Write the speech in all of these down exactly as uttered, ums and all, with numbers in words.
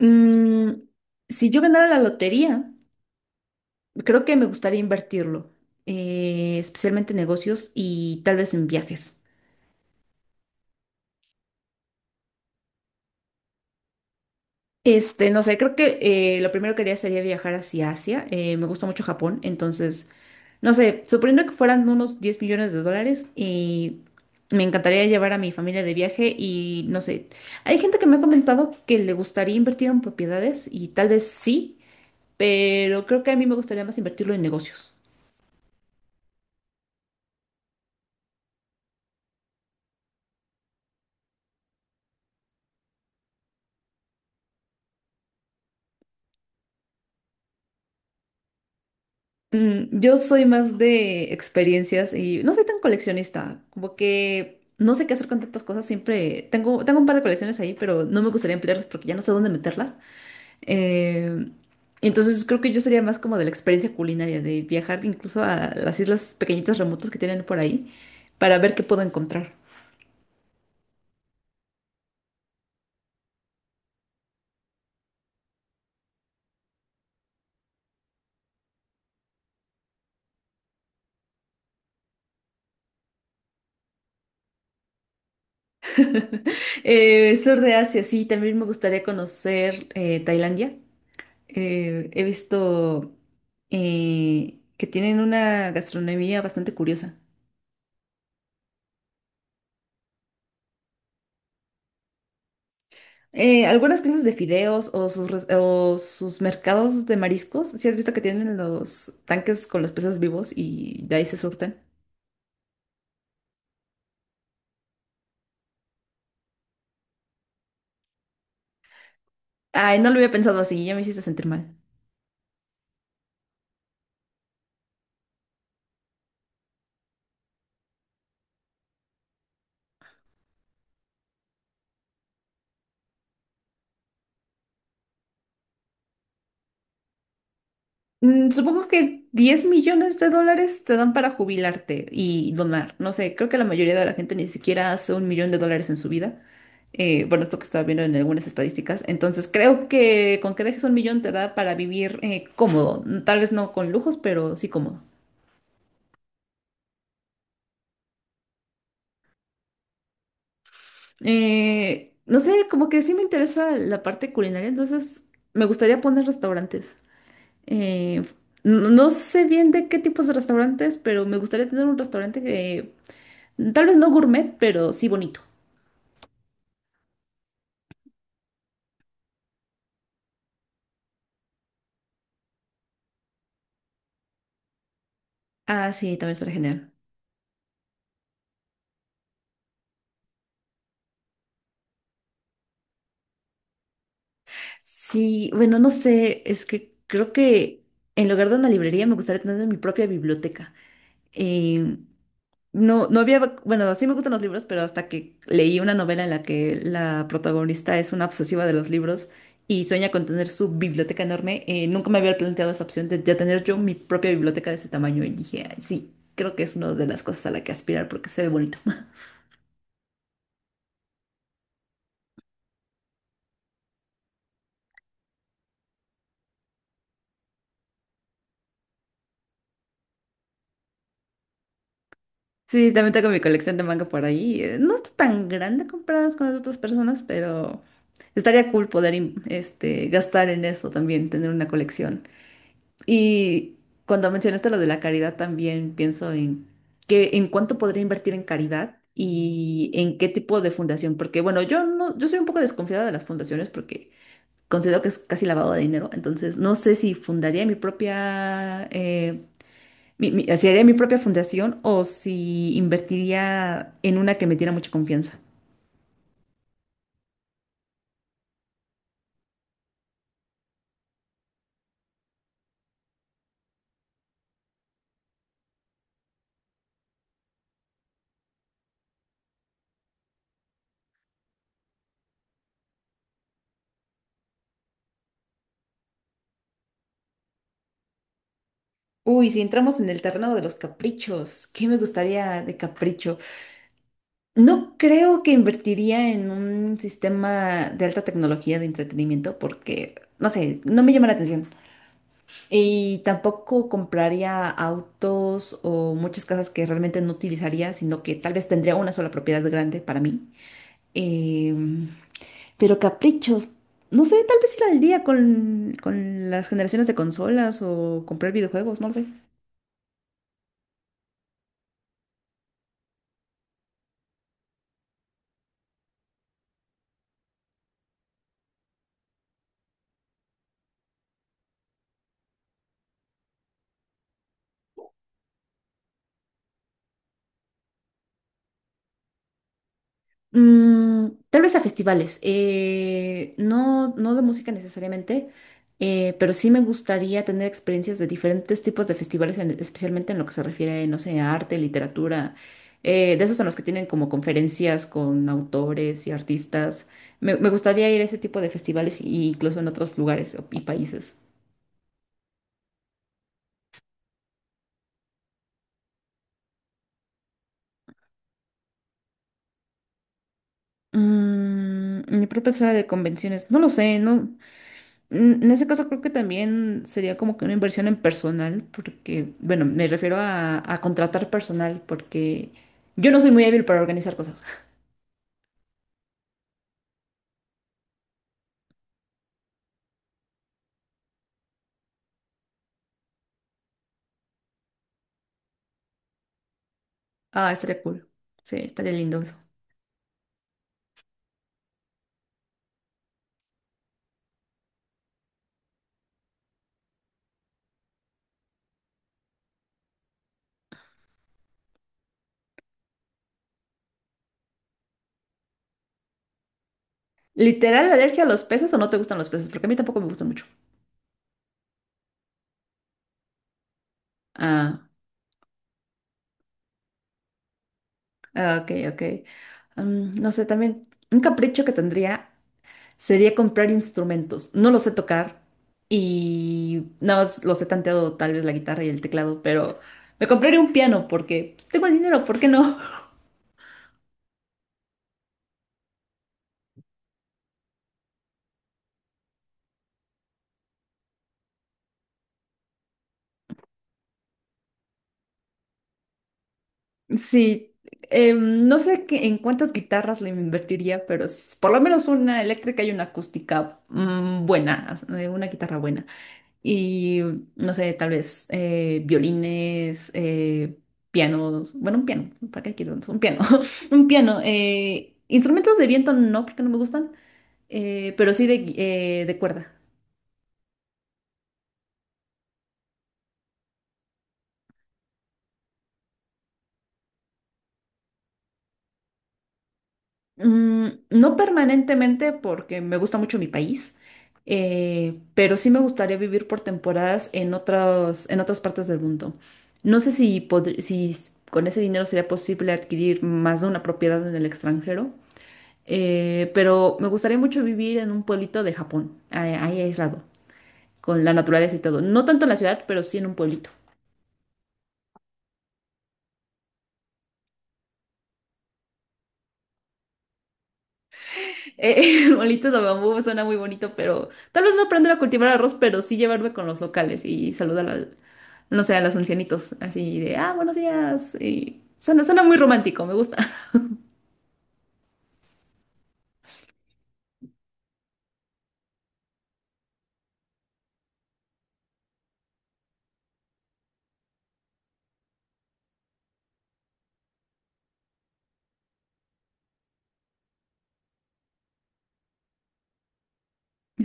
Mm, si yo ganara la lotería, creo que me gustaría invertirlo, eh, especialmente en negocios y tal vez en viajes. Este, no sé, creo que eh, lo primero que haría sería viajar hacia Asia. eh, me gusta mucho Japón, entonces, no sé, suponiendo que fueran unos diez millones de dólares, y me encantaría llevar a mi familia de viaje y no sé, hay gente que me ha comentado que le gustaría invertir en propiedades y tal vez sí, pero creo que a mí me gustaría más invertirlo en negocios. Mm, Yo soy más de experiencias y no soy tan coleccionista, como que no sé qué hacer con tantas cosas, siempre tengo, tengo un par de colecciones ahí, pero no me gustaría emplearlas porque ya no sé dónde meterlas. Eh, entonces creo que yo sería más como de la experiencia culinaria, de viajar incluso a las islas pequeñitas remotas que tienen por ahí para ver qué puedo encontrar. Eh, sur de Asia, sí, también me gustaría conocer eh, Tailandia. eh, he visto eh, que tienen una gastronomía bastante curiosa. Eh, algunas clases de fideos o sus, res- o sus mercados de mariscos, ¿si has visto que tienen los tanques con los peces vivos y de ahí se surten? Ay, no lo había pensado así, ya me hiciste sentir mal. Mm, Supongo que diez millones de dólares te dan para jubilarte y donar. No sé, creo que la mayoría de la gente ni siquiera hace un millón de dólares en su vida. Eh, bueno, esto que estaba viendo en algunas estadísticas. Entonces, creo que con que dejes un millón te da para vivir eh, cómodo. Mm, Tal vez no con lujos, pero sí cómodo. Eh, no sé, como que sí me interesa la parte culinaria, entonces me gustaría poner restaurantes. Eh, no no sé bien de qué tipos de restaurantes, pero me gustaría tener un restaurante que tal vez no gourmet, pero sí bonito. Ah, sí, también será genial. Sí, bueno, no sé, es que creo que en lugar de una librería me gustaría tener mi propia biblioteca. Eh, no, no había, bueno, sí me gustan los libros, pero hasta que leí una novela en la que la protagonista es una obsesiva de los libros y sueña con tener su biblioteca enorme, eh, nunca me había planteado esa opción de, de tener yo mi propia biblioteca de ese tamaño y dije, "Ay, sí, creo que es una de las cosas a la que aspirar porque se ve bonito." Sí, también tengo mi colección de manga por ahí. Eh, No está tan grande comparadas con las otras personas, pero estaría cool poder im- este, gastar en eso también, tener una colección. Y cuando mencionaste lo de la caridad, también pienso en que, en cuánto podría invertir en caridad y en qué tipo de fundación. Porque, bueno, yo no, yo soy un poco desconfiada de las fundaciones porque considero que es casi lavado de dinero. Entonces, no sé si fundaría mi propia eh, mi- mi- si haría mi propia fundación o si invertiría en una que me diera mucha confianza. Uy, si entramos en el terreno de los caprichos, ¿qué me gustaría de capricho? No creo que invertiría en un sistema de alta tecnología de entretenimiento porque, no sé, no me llama la atención. Y tampoco compraría autos o muchas casas que realmente no utilizaría, sino que tal vez tendría una sola propiedad grande para mí. Eh, Pero caprichos, no sé, tal vez ir al día con, con las generaciones de consolas o comprar videojuegos, no lo sé. Mm, tal vez a festivales, eh, no, no de música necesariamente, eh, pero sí me gustaría tener experiencias de diferentes tipos de festivales, en- especialmente en lo que se refiere, no sé, a arte, literatura, eh, de esos en los que tienen como conferencias con autores y artistas. Me, me gustaría ir a ese tipo de festivales y incluso en otros lugares y países. Mm, mi propia sala de convenciones, no lo sé, no. En en ese caso creo que también sería como que una inversión en personal, porque, bueno, me refiero a, a contratar personal, porque yo no soy muy hábil para organizar cosas. Ah, estaría cool. Sí, estaría lindo eso. ¿Literal alergia a los peces o no te gustan los peces? Porque a mí tampoco me gustan mucho. Ah, ah, ok, ok. Mm, no sé, también un capricho que tendría. Sería comprar instrumentos. No lo sé tocar y nada más los he tanteado tal vez la guitarra y el teclado, pero me compraría un piano porque pues, tengo el dinero, ¿por qué no? Sí, em, no sé qué- en cuántas guitarras le invertiría, pero s- por lo menos una eléctrica y una acústica mm, buena, eh, una guitarra buena. Y no sé, tal vez eh, violines, eh, pianos, bueno, un piano, ¿para qué quiero tantos? Un piano, un piano. eh, instrumentos de viento no, porque no me gustan. Eh, pero sí de, eh, de cuerda. Mm, no permanentemente porque me gusta mucho mi país, eh, pero sí me gustaría vivir por temporadas en otras, en otras partes del mundo. No sé si, podr- si s- con ese dinero sería posible adquirir más de una propiedad en el extranjero, eh, pero me gustaría mucho vivir en un pueblito de Japón, ahí, ahí aislado, con la naturaleza y todo. No tanto en la ciudad, pero sí en un pueblito. Eh, Molitos de bambú suena muy bonito, pero tal vez no aprender a cultivar arroz, pero sí llevarme con los locales y saludar al, no sé, a los ancianitos, así de, ah, buenos días. Y suena, suena muy romántico, me gusta.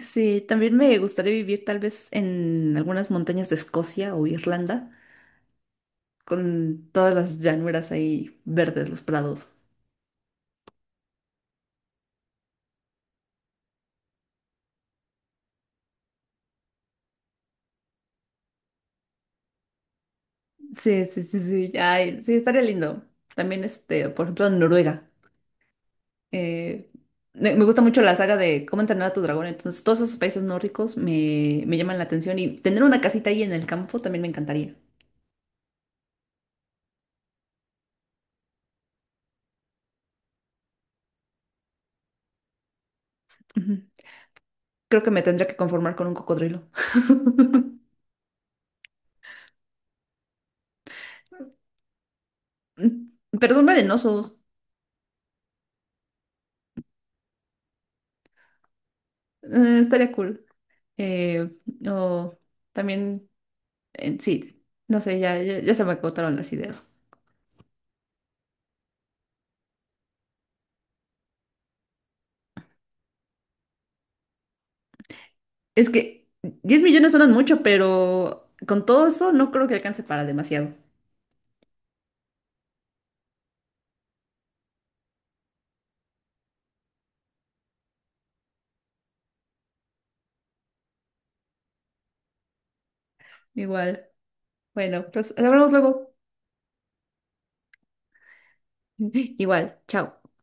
Sí, también me gustaría vivir tal vez en algunas montañas de Escocia o Irlanda, con todas las llanuras ahí verdes, los prados. Sí, sí, sí, sí, ay, sí, estaría lindo. También, este, por ejemplo, en Noruega. Eh, me me gusta mucho la saga de cómo entrenar a tu dragón, entonces todos esos países nórdicos me, me llaman la atención y tener una casita ahí en el campo también me encantaría. Ujú. Creo que me tendría que conformar con un cocodrilo. Pero son venenosos. Eh, estaría cool. Eh, o también, eh, sí, no sé, ya, ya, ya se me agotaron las ideas. Es que diez millones suenan mucho, pero con todo eso no creo que alcance para demasiado. Igual. Bueno, pues hablamos luego. Igual. Chao.